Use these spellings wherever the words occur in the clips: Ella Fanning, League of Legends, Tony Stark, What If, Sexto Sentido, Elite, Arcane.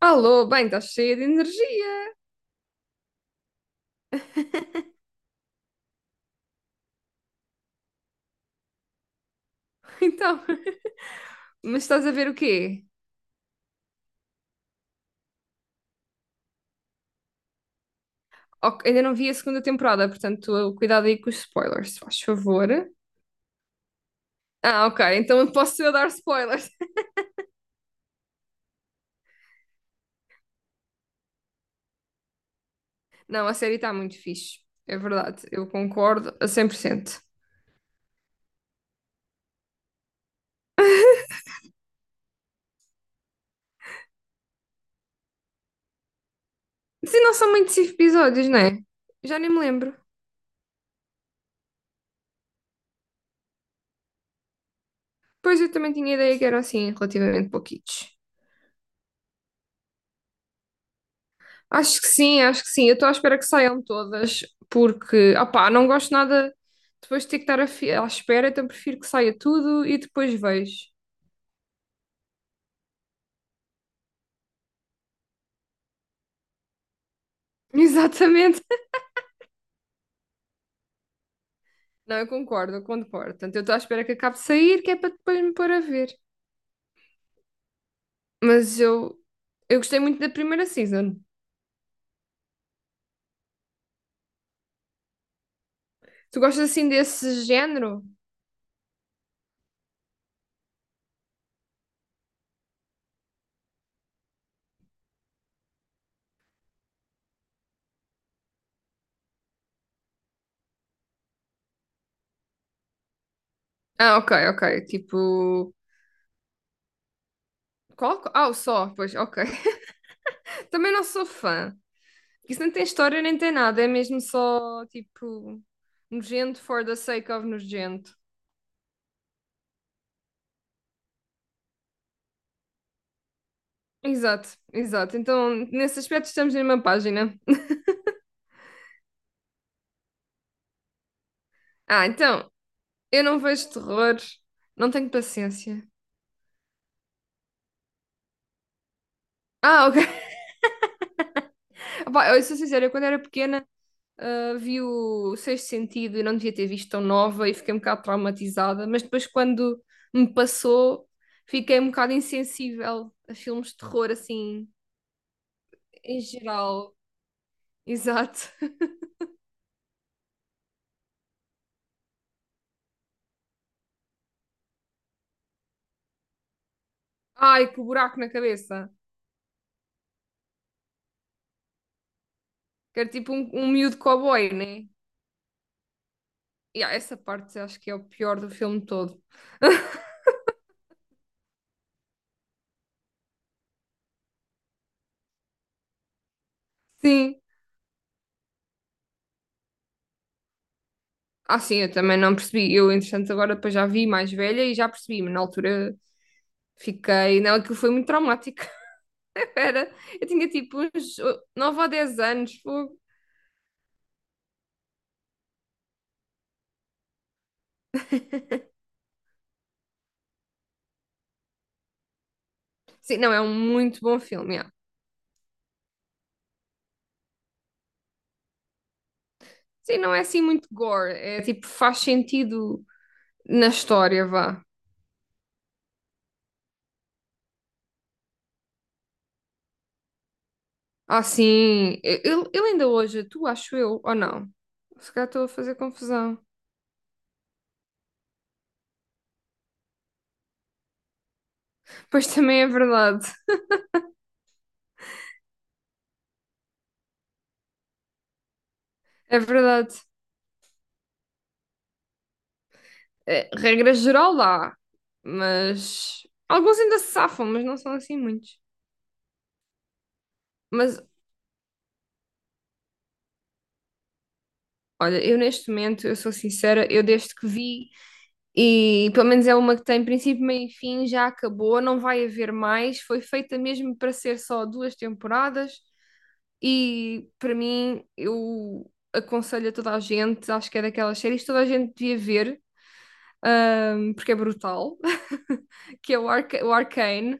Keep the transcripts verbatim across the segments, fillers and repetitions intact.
Alô, bem, estás cheia de energia. Então, mas estás a ver o quê? Ok, ainda não vi a segunda temporada, portanto, cuidado aí com os spoilers, se faz favor. Ah, ok, então posso eu dar spoilers. Não, a série está muito fixe. É verdade, eu concordo a cem por cento. Se não são muitos episódios, não é? Já nem me lembro. Pois eu também tinha ideia que eram assim, relativamente pouquitos. Acho que sim, acho que sim. Eu estou à espera que saiam todas, porque, opá, não gosto nada depois de ter que estar a fi- à espera, então prefiro que saia tudo e depois vejo. Exatamente. Não, eu concordo, eu concordo. Portanto, eu estou à espera que acabe de sair, que é para depois me pôr a ver. Mas eu, eu gostei muito da primeira season. Tu gostas assim desse género? Ah, ok, ok. Tipo. Qual? Ah, o Só, pois, ok. Também não sou fã. Isso não tem história nem tem nada, é mesmo só tipo nojento for the sake of nojento. Exato, exato. Então, nesse aspecto estamos na mesma página. Ah, então, eu não vejo terror, não tenho paciência. Ah, ok. Pá, eu sou sincera, eu quando era pequena ah, vi o Sexto Sentido e não devia ter visto tão nova e fiquei um bocado traumatizada, mas depois quando me passou, fiquei um bocado insensível a filmes de terror assim, em geral. Exato. Ai, que buraco na cabeça. Que era tipo um, um miúdo cowboy, né? E há essa parte acho que é o pior do filme todo. Sim. Ah, sim, eu também não percebi. Eu, entretanto, agora depois já vi mais velha e já percebi, mas na altura fiquei. Não, aquilo foi muito traumático. Era, eu tinha tipo uns nove ou dez anos. Fogo. Sim, não, é um muito bom filme. Yeah. Sim, não é assim muito gore. É tipo, faz sentido na história, vá. Ah, sim. Eu, eu eu ainda hoje, tu acho eu, ou não? Se calhar estou a fazer confusão. Pois também é verdade. É verdade. É, regra geral dá, mas alguns ainda se safam, mas não são assim muitos. Mas olha, eu neste momento, eu sou sincera, eu desde que vi, e pelo menos é uma que tem princípio, meio e fim, já acabou, não vai haver mais. Foi feita mesmo para ser só duas temporadas, e para mim, eu aconselho a toda a gente, acho que é daquelas séries que toda a gente devia ver, ahm, porque é brutal, que é o, Arca o Arcane.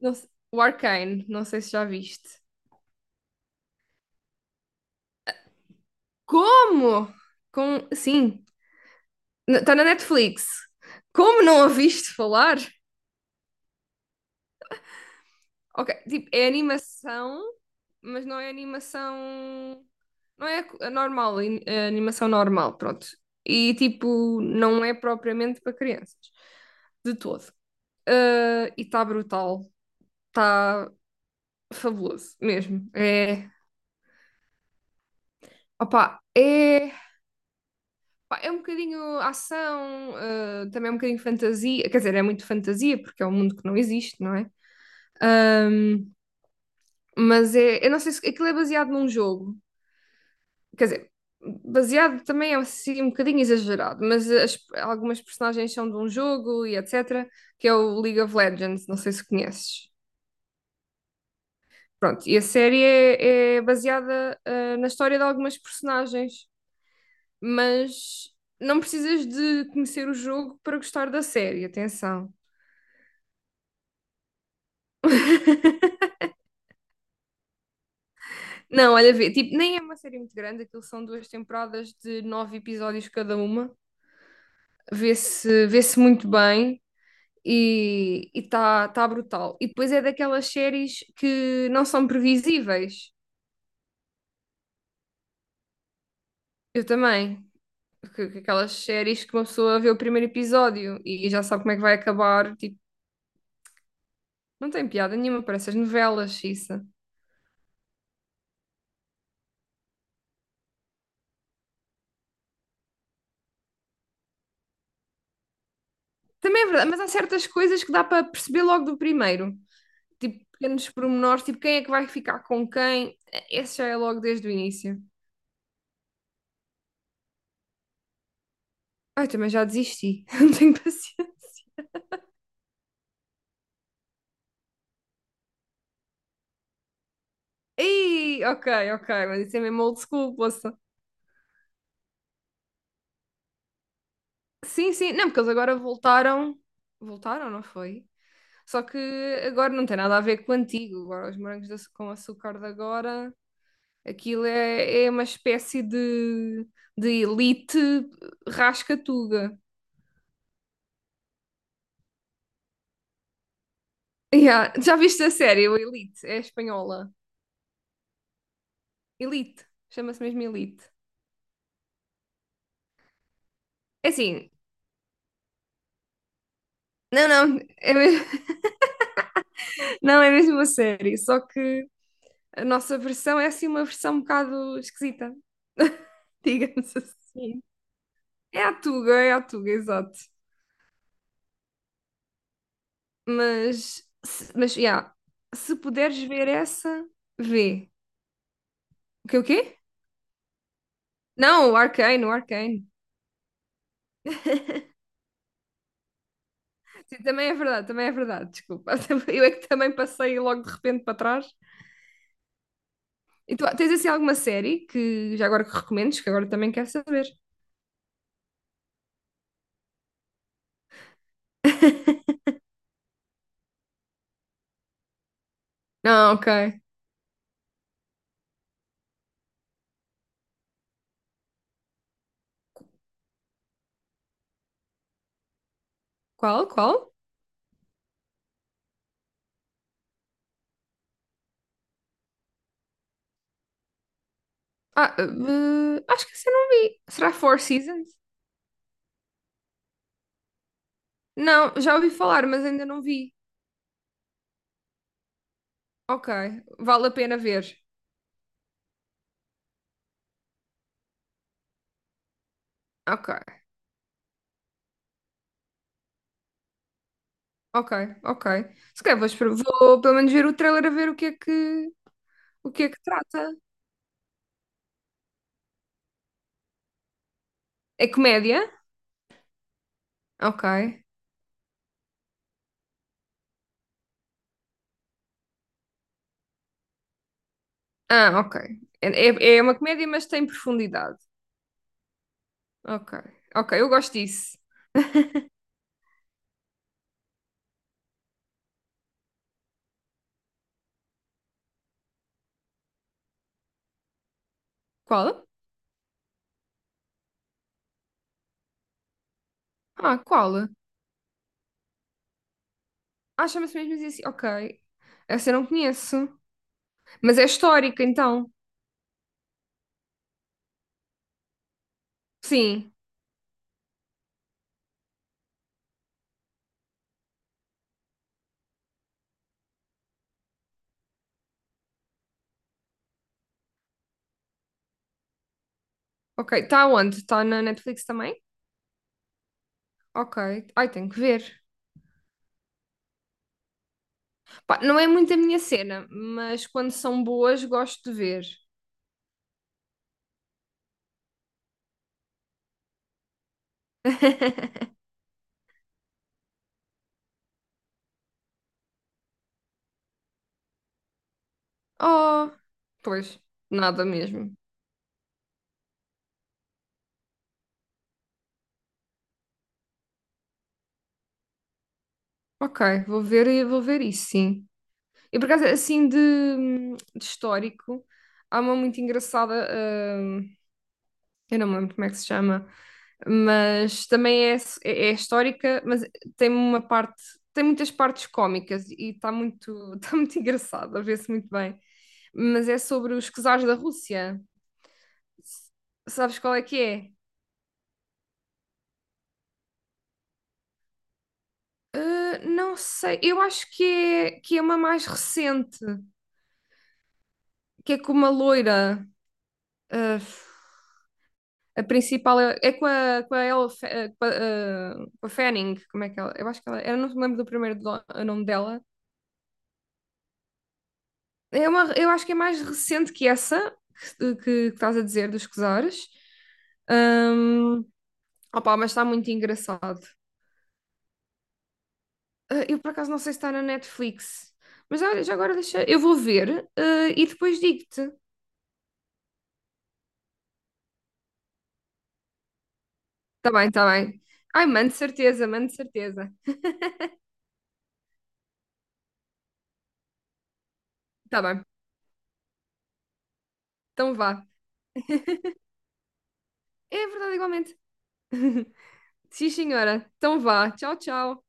Não se- O Arcane, não sei se já viste. Como? Com, sim, está na Netflix. Como não a viste falar? Ok, tipo, é animação, mas não é animação. Não é a normal, é animação normal, pronto. E tipo, não é propriamente para crianças, de todo. Ah, e está brutal, está fabuloso mesmo. É, opa é Pá, É um bocadinho ação, ah, também é um bocadinho fantasia, quer dizer, é muito fantasia, porque é um mundo que não existe, não é? Ahm, mas é, eu não sei se aquilo é baseado num jogo, quer dizer, baseado também é assim, um bocadinho exagerado, mas as- algumas personagens são de um jogo e etecétera, que é o League of Legends, não sei se conheces. Pronto, e a série é, é baseada, ah, na história de algumas personagens, mas não precisas de conhecer o jogo para gostar da série, atenção. Não, olha, vê, tipo, nem é uma série muito grande, aquilo são duas temporadas de nove episódios cada uma. Vê-se, vê-se muito bem e está tá tá brutal. E depois é daquelas séries que não são previsíveis. Eu também. Que- que Aquelas séries que uma pessoa vê o primeiro episódio e já sabe como é que vai acabar. Tipo, não tem piada nenhuma, parece as novelas, isso. Também é verdade, mas há certas coisas que dá para perceber logo do primeiro. Tipo, pequenos pormenores, tipo, quem é que vai ficar com quem? Esse já é logo desde o início. Ai, também já desisti, não tenho paciência. Ih, ok, ok, mas isso é mesmo old school, poça. Sim, sim, não, porque eles agora voltaram. Voltaram, não foi? Só que agora não tem nada a ver com o antigo. Agora os morangos de açu- com açúcar de agora, aquilo é, é uma espécie de, de elite rascatuga. Yeah, já viste a série, o Elite? É espanhola. Elite, chama-se mesmo Elite. É assim, não, não, é mesmo, não, é mesmo a série, só que a nossa versão é assim uma versão um bocado esquisita, digamos assim. É a Tuga, é a Tuga, exato. Mas, se- mas, yeah, se puderes ver essa, vê. O quê, o quê? Não, o Arcane, o Arcane. Sim, também é verdade, também é verdade, desculpa. Eu é que também passei logo de repente para trás. E tu tens assim alguma série que já agora que recomendes, que agora também quero saber? Não, ok. Qual, qual? Ah, eh, acho que essa eu não vi. Será Four Seasons? Não, já ouvi falar, mas ainda não vi. Ok, vale a pena ver. Ok, ok, ok. Se calhar vou, esper- vou pelo menos ver o trailer a ver o que é que, o que é que, trata. É comédia? Ok. Ah, ok. É, é é uma comédia, mas tem profundidade. Ok, ok, eu gosto disso. Qual? Ah, qual? Ah, chama-se mesmo assim. Ok. Essa eu não conheço. Mas é histórica, então. Sim. Ok, está onde? Está na Netflix também? Ok. Ai, tenho que ver. Pá, não é muito a minha cena, mas quando são boas gosto de ver. Oh, pois, nada mesmo. Ok, vou ver e vou ver isso, sim. E por acaso, assim de, de histórico, há uma muito engraçada, hum, eu não me lembro como é que se chama, mas também é, é, é histórica, mas tem uma parte, tem muitas partes cómicas e está muito, está muito engraçado, a ver-se muito bem. Mas é sobre os czares da Rússia. S- Sabes qual é que é? Ah, não sei, eu acho que é, que é uma mais recente, que é com uma loira. Ah, a principal é, é com a, com a Ella Fa- ah, com a, ah, com a Fanning, como é que ela? Eu acho que ela. Eu não me lembro do primeiro do- nome dela. É uma, eu acho que é mais recente que essa que, que- que estás a dizer dos Cesores. Hum, Opá, mas está muito engraçado. Ah, eu por acaso não sei se está na Netflix, mas olha, já agora deixa. Eu vou ver, ah, e depois digo-te. Tá bem, tá bem. Ai, mano, de certeza, mano, de certeza. Tá bem, então vá. É verdade, igualmente. Sim, senhora. Então vá. Tchau, tchau.